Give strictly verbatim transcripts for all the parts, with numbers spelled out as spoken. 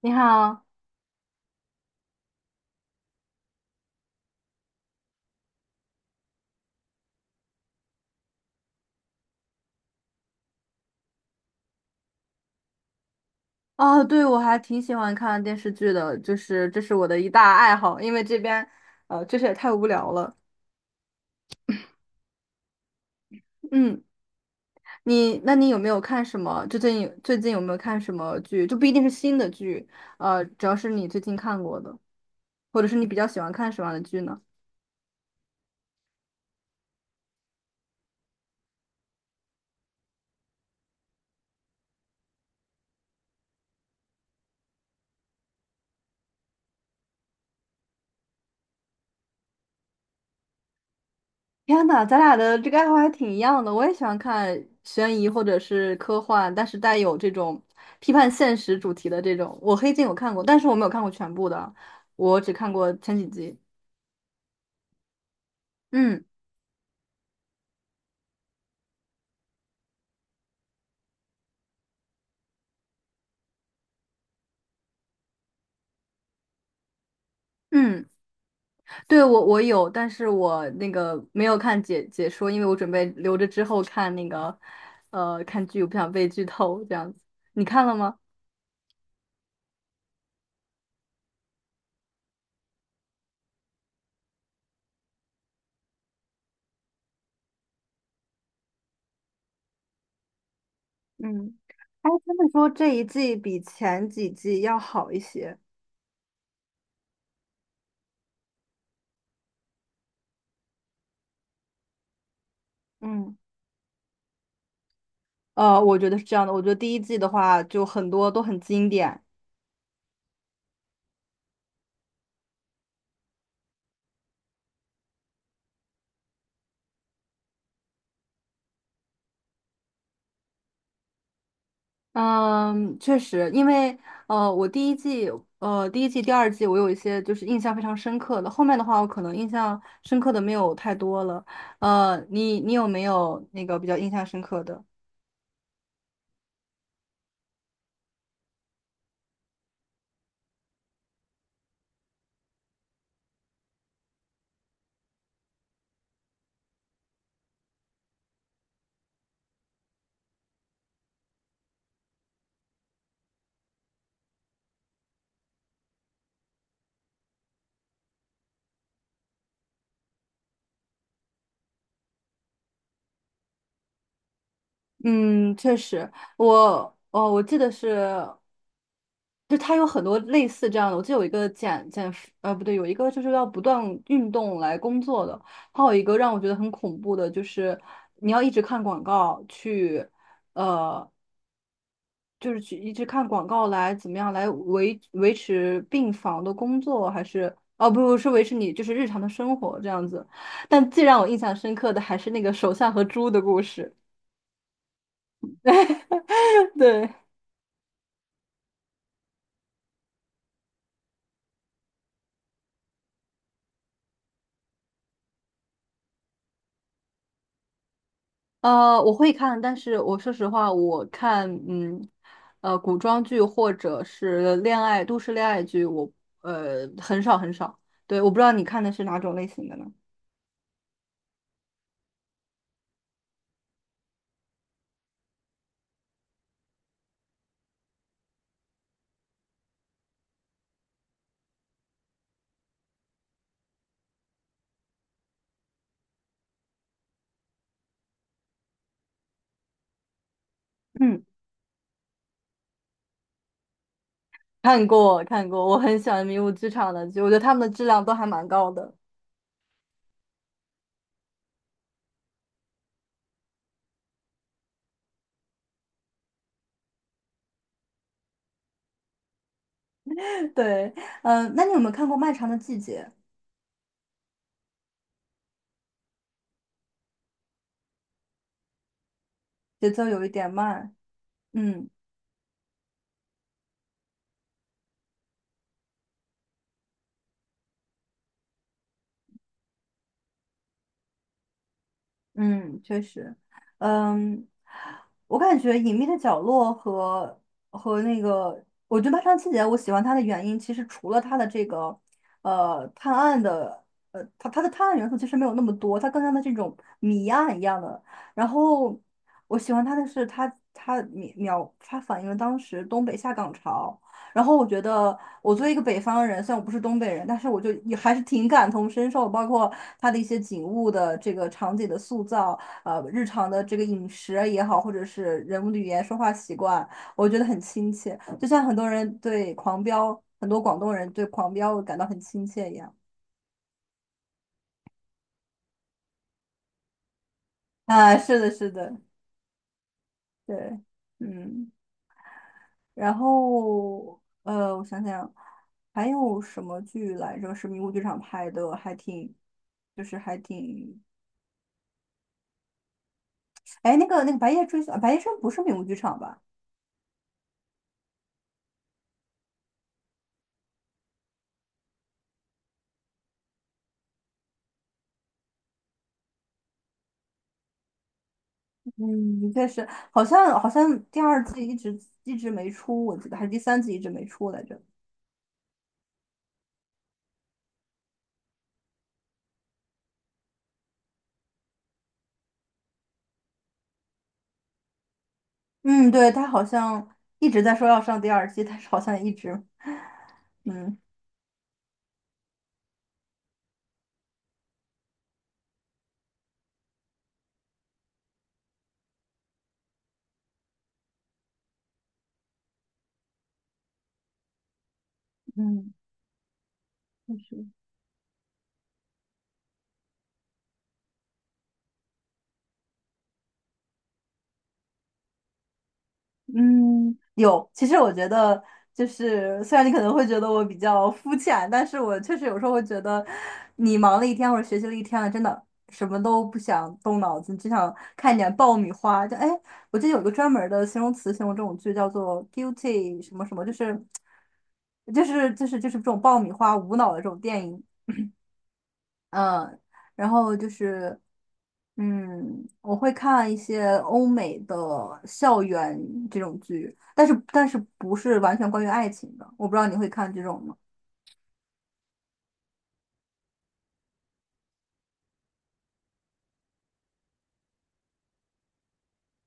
你好。啊，对，我还挺喜欢看电视剧的，就是这是我的一大爱好，因为这边，呃，确实也太无聊了。嗯。你，那你有没有看什么？最近有最近有没有看什么剧？就不一定是新的剧，呃，只要是你最近看过的，或者是你比较喜欢看什么样的剧呢？天呐，咱俩的这个爱好还挺一样的，我也喜欢看悬疑或者是科幻，但是带有这种批判现实主题的这种。我《黑镜》有看过，但是我没有看过全部的，我只看过前几集。嗯。嗯，对，我我有，但是我那个没有看解解说，因为我准备留着之后看那个，呃，看剧，我不想被剧透这样子。你看了吗？嗯。哎，他们说这一季比前几季要好一些。嗯。呃，我觉得是这样的，我觉得第一季的话，就很多都很经典。嗯，确实，因为呃，我第一季、呃第一季、第二季，我有一些就是印象非常深刻的，后面的话，我可能印象深刻的没有太多了。呃，你你有没有那个比较印象深刻的？嗯，确实。我哦，我记得是，就它有很多类似这样的，我记得有一个减减肥，呃，不对，有一个就是要不断运动来工作的，还有一个让我觉得很恐怖的，就是你要一直看广告去。呃就是去一直看广告来怎么样来维维持病房的工作，还是哦不不是维持你就是日常的生活这样子。但最让我印象深刻的还是那个手相和猪的故事。对。呃，我会看，但是我说实话，我看嗯呃古装剧或者是恋爱都市恋爱剧，我呃很少很少。对，我不知道你看的是哪种类型的呢？嗯，看过看过，我很喜欢《迷雾剧场》的剧，我觉得他们的质量都还蛮高的。对。嗯，那你有没有看过《漫长的季节》？节奏有一点慢。嗯。嗯，确实。嗯，我感觉《隐秘的角落和》和那个，我觉得《漫长的季节》，我喜欢它的原因，其实除了它的这个呃探案的，呃，它它的探案元素其实没有那么多，它更像的这种谜案一样的。然后我喜欢它的是它它描描它反映了当时东北下岗潮。然后我觉得，我作为一个北方人，虽然我不是东北人，但是我就也还是挺感同身受，包括它的一些景物的这个场景的塑造，呃，日常的这个饮食啊也好，或者是人物的语言说话习惯，我觉得很亲切。就像很多人对《狂飙》，很多广东人对《狂飙》感到很亲切一样。啊，是的，是的。对。嗯，然后呃，我想想，还有什么剧来着？是迷雾剧场拍的，还挺，就是还挺。哎，那个那个白夜追凶，白夜追凶不是名古剧场吧？嗯，但是好像好像第二季一直一直没出，我记得还是第三季一直没出来着。嗯，对，他好像一直在说要上第二季，但是好像一直。嗯。嗯，确实。嗯，有。其实我觉得，就是虽然你可能会觉得我比较肤浅，但是我确实有时候会觉得，你忙了一天或者学习了一天了，真的什么都不想动脑子，只想看一点爆米花。就哎，我记得有一个专门儿的形容词形容这种剧，叫做 "guilty" 什么什么，就是就是就是就是这种爆米花无脑的这种电影。嗯，然后就是，嗯，我会看一些欧美的校园这种剧，但是但是不是完全关于爱情的，我不知道你会看这种吗？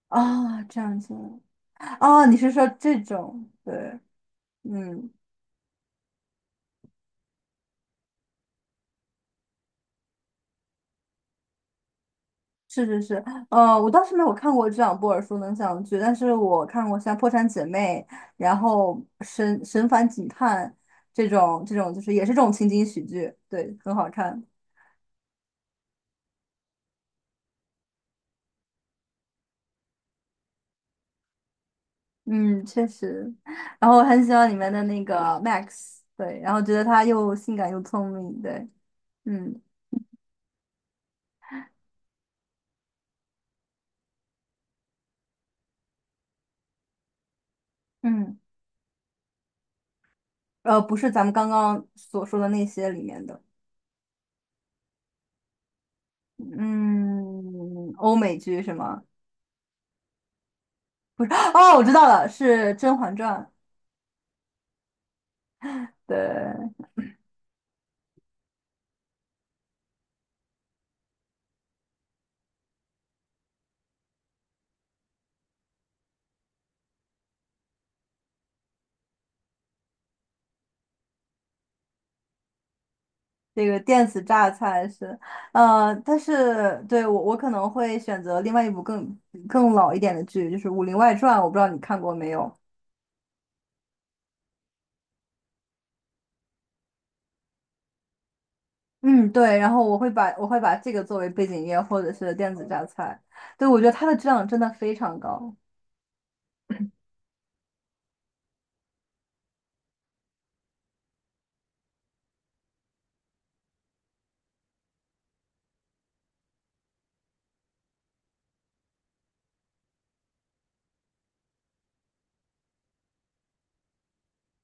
啊，这样子。啊，你是说这种？对。嗯，是是是。呃，我倒是没有看过这两部耳熟能详的剧，但是我看过像《破产姐妹》，然后神《神烦警探》这种这种，就是也是这种情景喜剧，对，很好看。嗯，确实。然后我很喜欢里面的那个 Max,对，然后觉得他又性感又聪明，对。嗯。嗯，呃，不是咱们刚刚所说的那些里面的。嗯，欧美剧是吗？哦，我知道了，是《甄嬛传》。对，这个电子榨菜是，呃，但是对我我可能会选择另外一部更更老一点的剧，就是《武林外传》，我不知道你看过没有。嗯，对，然后我会把我会把这个作为背景音乐或者是电子榨菜，对，我觉得它的质量真的非常高。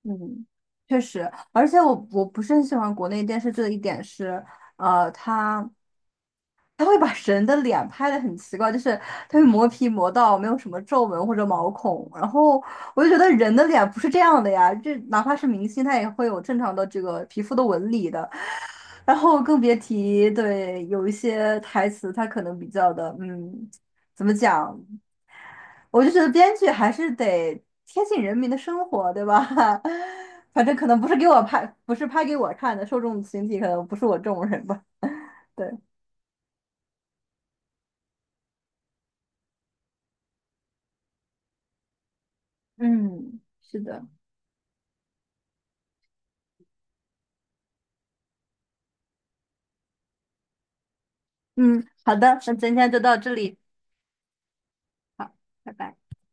嗯，确实，而且我我不是很喜欢国内电视剧的一点是，呃，它它会把人的脸拍的很奇怪，就是它会磨皮磨到没有什么皱纹或者毛孔，然后我就觉得人的脸不是这样的呀，这哪怕是明星，他也会有正常的这个皮肤的纹理的，然后更别提对有一些台词，它可能比较的，嗯，怎么讲？我就觉得编剧还是得贴近人民的生活，对吧？反正可能不是给我拍，不是拍给我看的，受众群体可能不是我这种人吧。对。嗯，是的。嗯，好的，那今天就到这里。好，拜拜。